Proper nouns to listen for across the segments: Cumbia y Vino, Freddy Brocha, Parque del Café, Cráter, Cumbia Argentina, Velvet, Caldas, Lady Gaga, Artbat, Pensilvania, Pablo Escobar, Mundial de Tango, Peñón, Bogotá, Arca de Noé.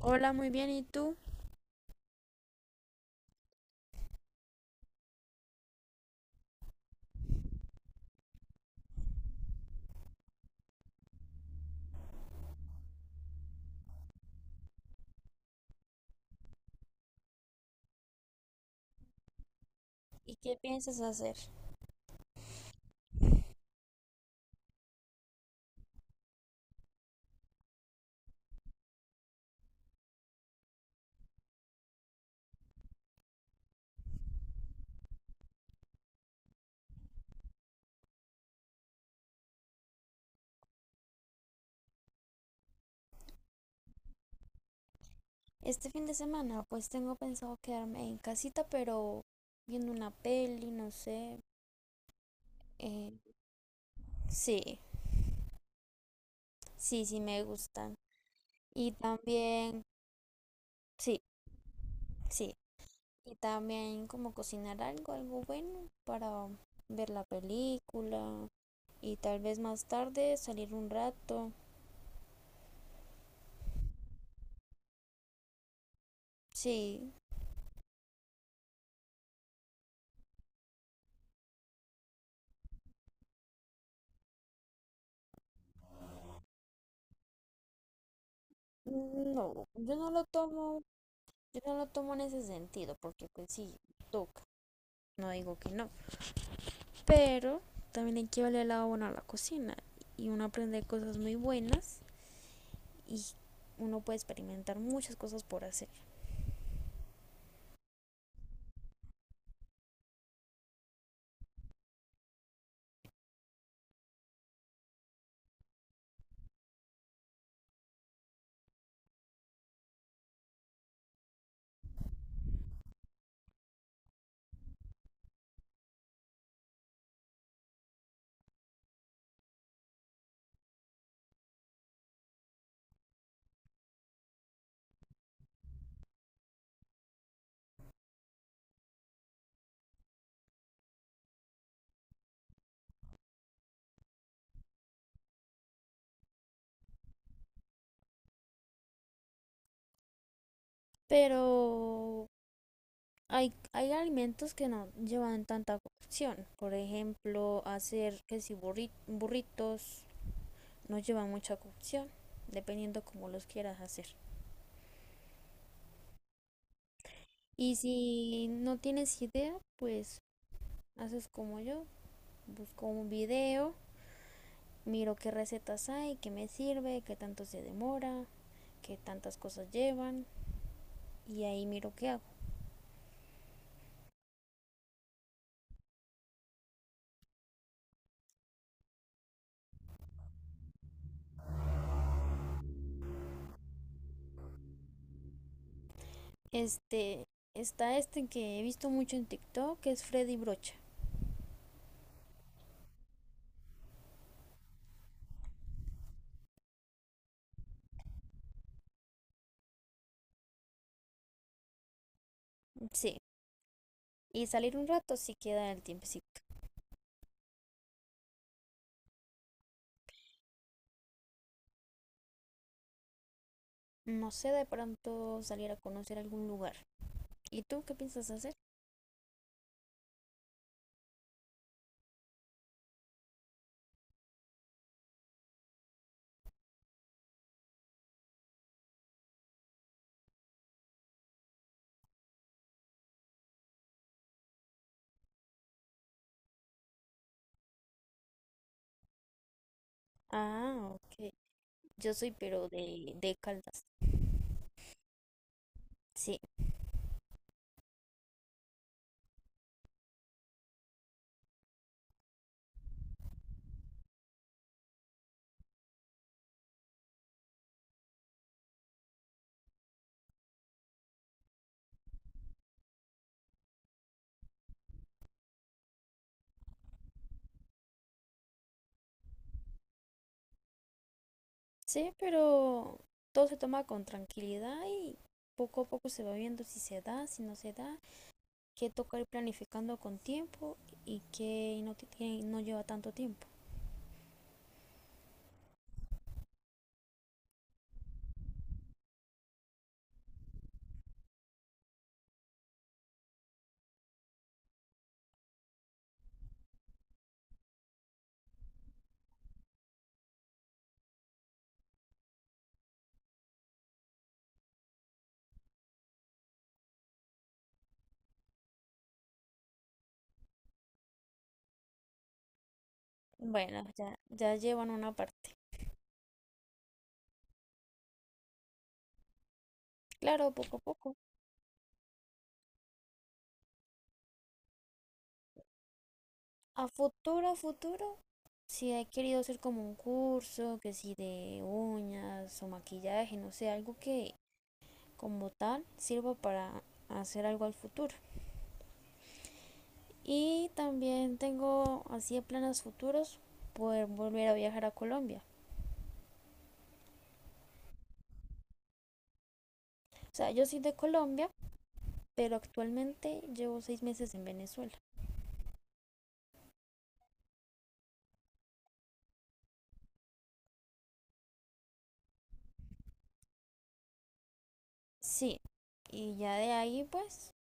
Hola, muy bien, ¿y tú? ¿Y qué piensas hacer? Este fin de semana, pues tengo pensado quedarme en casita, pero viendo una peli, no sé. eh, sí, sí me gustan. Y también, sí, sí. Y también como cocinar algo, algo bueno para ver la película. Y tal vez más tarde salir un rato. Sí. No, yo no lo tomo en ese sentido, porque pues sí, toca. No digo que no. Pero también hay que verle el lado bueno a la cocina y uno aprende cosas muy buenas y uno puede experimentar muchas cosas por hacer. Pero hay alimentos que no llevan tanta cocción. Por ejemplo, hacer que si burritos no llevan mucha cocción, dependiendo como los quieras hacer. Y si no tienes idea, pues haces como yo, busco un video, miro qué recetas hay, qué me sirve, qué tanto se demora que tantas cosas llevan y ahí miro qué hago. Este, está este que he visto mucho en TikTok, que es Freddy Brocha. Sí, y salir un rato si queda el tiempecito. No sé, de pronto salir a conocer algún lugar. ¿Y tú qué piensas hacer? Ah, ok. Yo soy pero de Caldas. Sí. Sí, pero todo se toma con tranquilidad y poco a poco se va viendo si se da, si no se da, que toca ir planificando con tiempo y que no lleva tanto tiempo. Bueno, ya, ya llevan una parte. Claro, poco a poco. A futuro, si he querido hacer como un curso, que si de uñas o maquillaje, no sé, algo que como tal sirva para hacer algo al futuro. Y también tengo así de planes futuros poder volver a viajar a Colombia. O sea, yo soy de Colombia pero actualmente llevo seis meses en Venezuela. Sí, y ya de ahí pues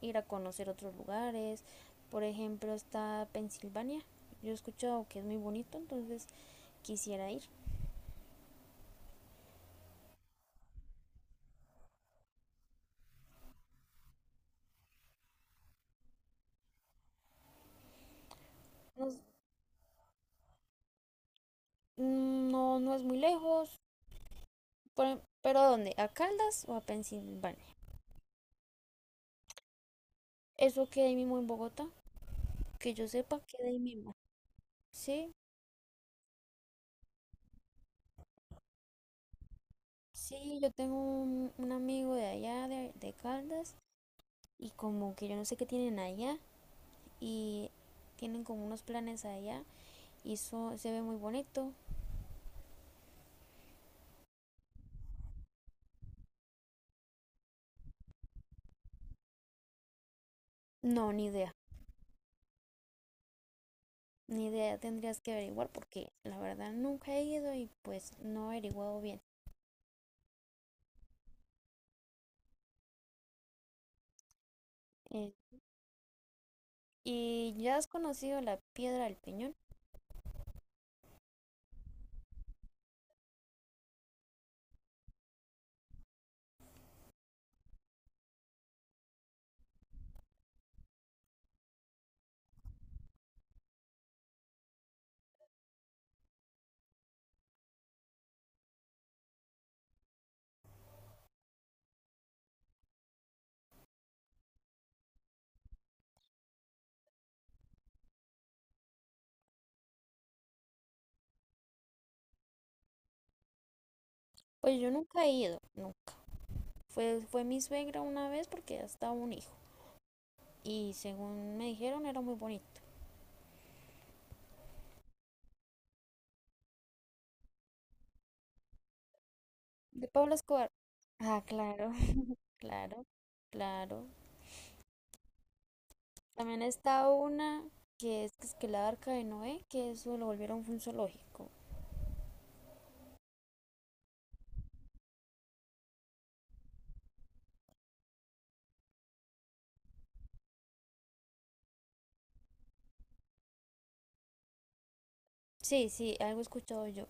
ir a conocer otros lugares. Por ejemplo, está Pensilvania. Yo he escuchado que es muy bonito, entonces quisiera ir. No, es- no, no es muy lejos. ¿Pero a dónde? ¿A Caldas o a Pensilvania? Eso queda ahí mismo en Bogotá. Que yo sepa, queda ahí mismo. Sí, sí, yo tengo un amigo de allá, de Caldas, y como que yo no sé qué tienen allá, y tienen como unos planes allá y eso se ve muy bonito. No, ni idea. Ni idea, tendrías que averiguar porque la verdad nunca he ido y pues no he averiguado bien. Eh, ¿Y ya has conocido la piedra del peñón? Pues yo nunca he ido, no. Fue mi suegra una vez porque ya estaba un hijo y según me dijeron era muy bonito. De Pablo Escobar. Ah, claro, claro, claro. También está una que es que la Arca de Noé, que eso lo volvieron un zoológico. Sí, sí, algo he escuchado yo.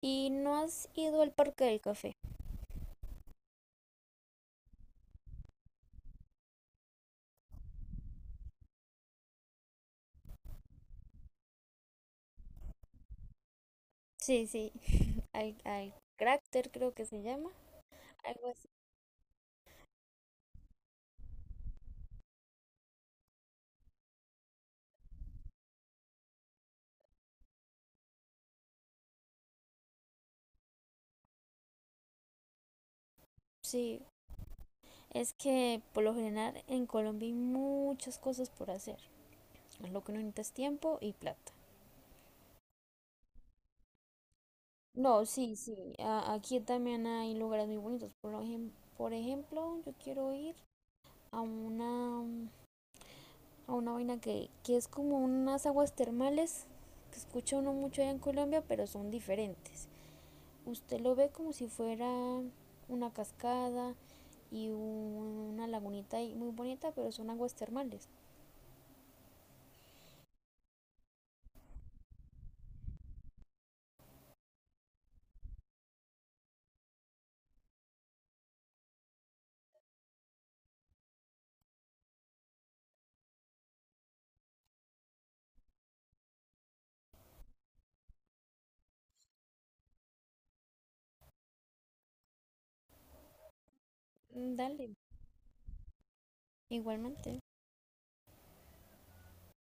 ¿Y no has ido al Parque del Café? Sí, sí, al Cráter creo que se llama, algo así. Sí, es que por lo general en Colombia hay muchas cosas por hacer. Lo que no necesitas tiempo y plata. No, sí, sí, aquí también hay lugares muy bonitos. Por ejemplo, yo quiero ir a una, a una vaina que es como unas aguas termales que escucha uno mucho allá en Colombia, pero son diferentes. Usted lo ve como si fuera una cascada y una lagunita ahí muy bonita, pero son aguas termales. Dale, igualmente.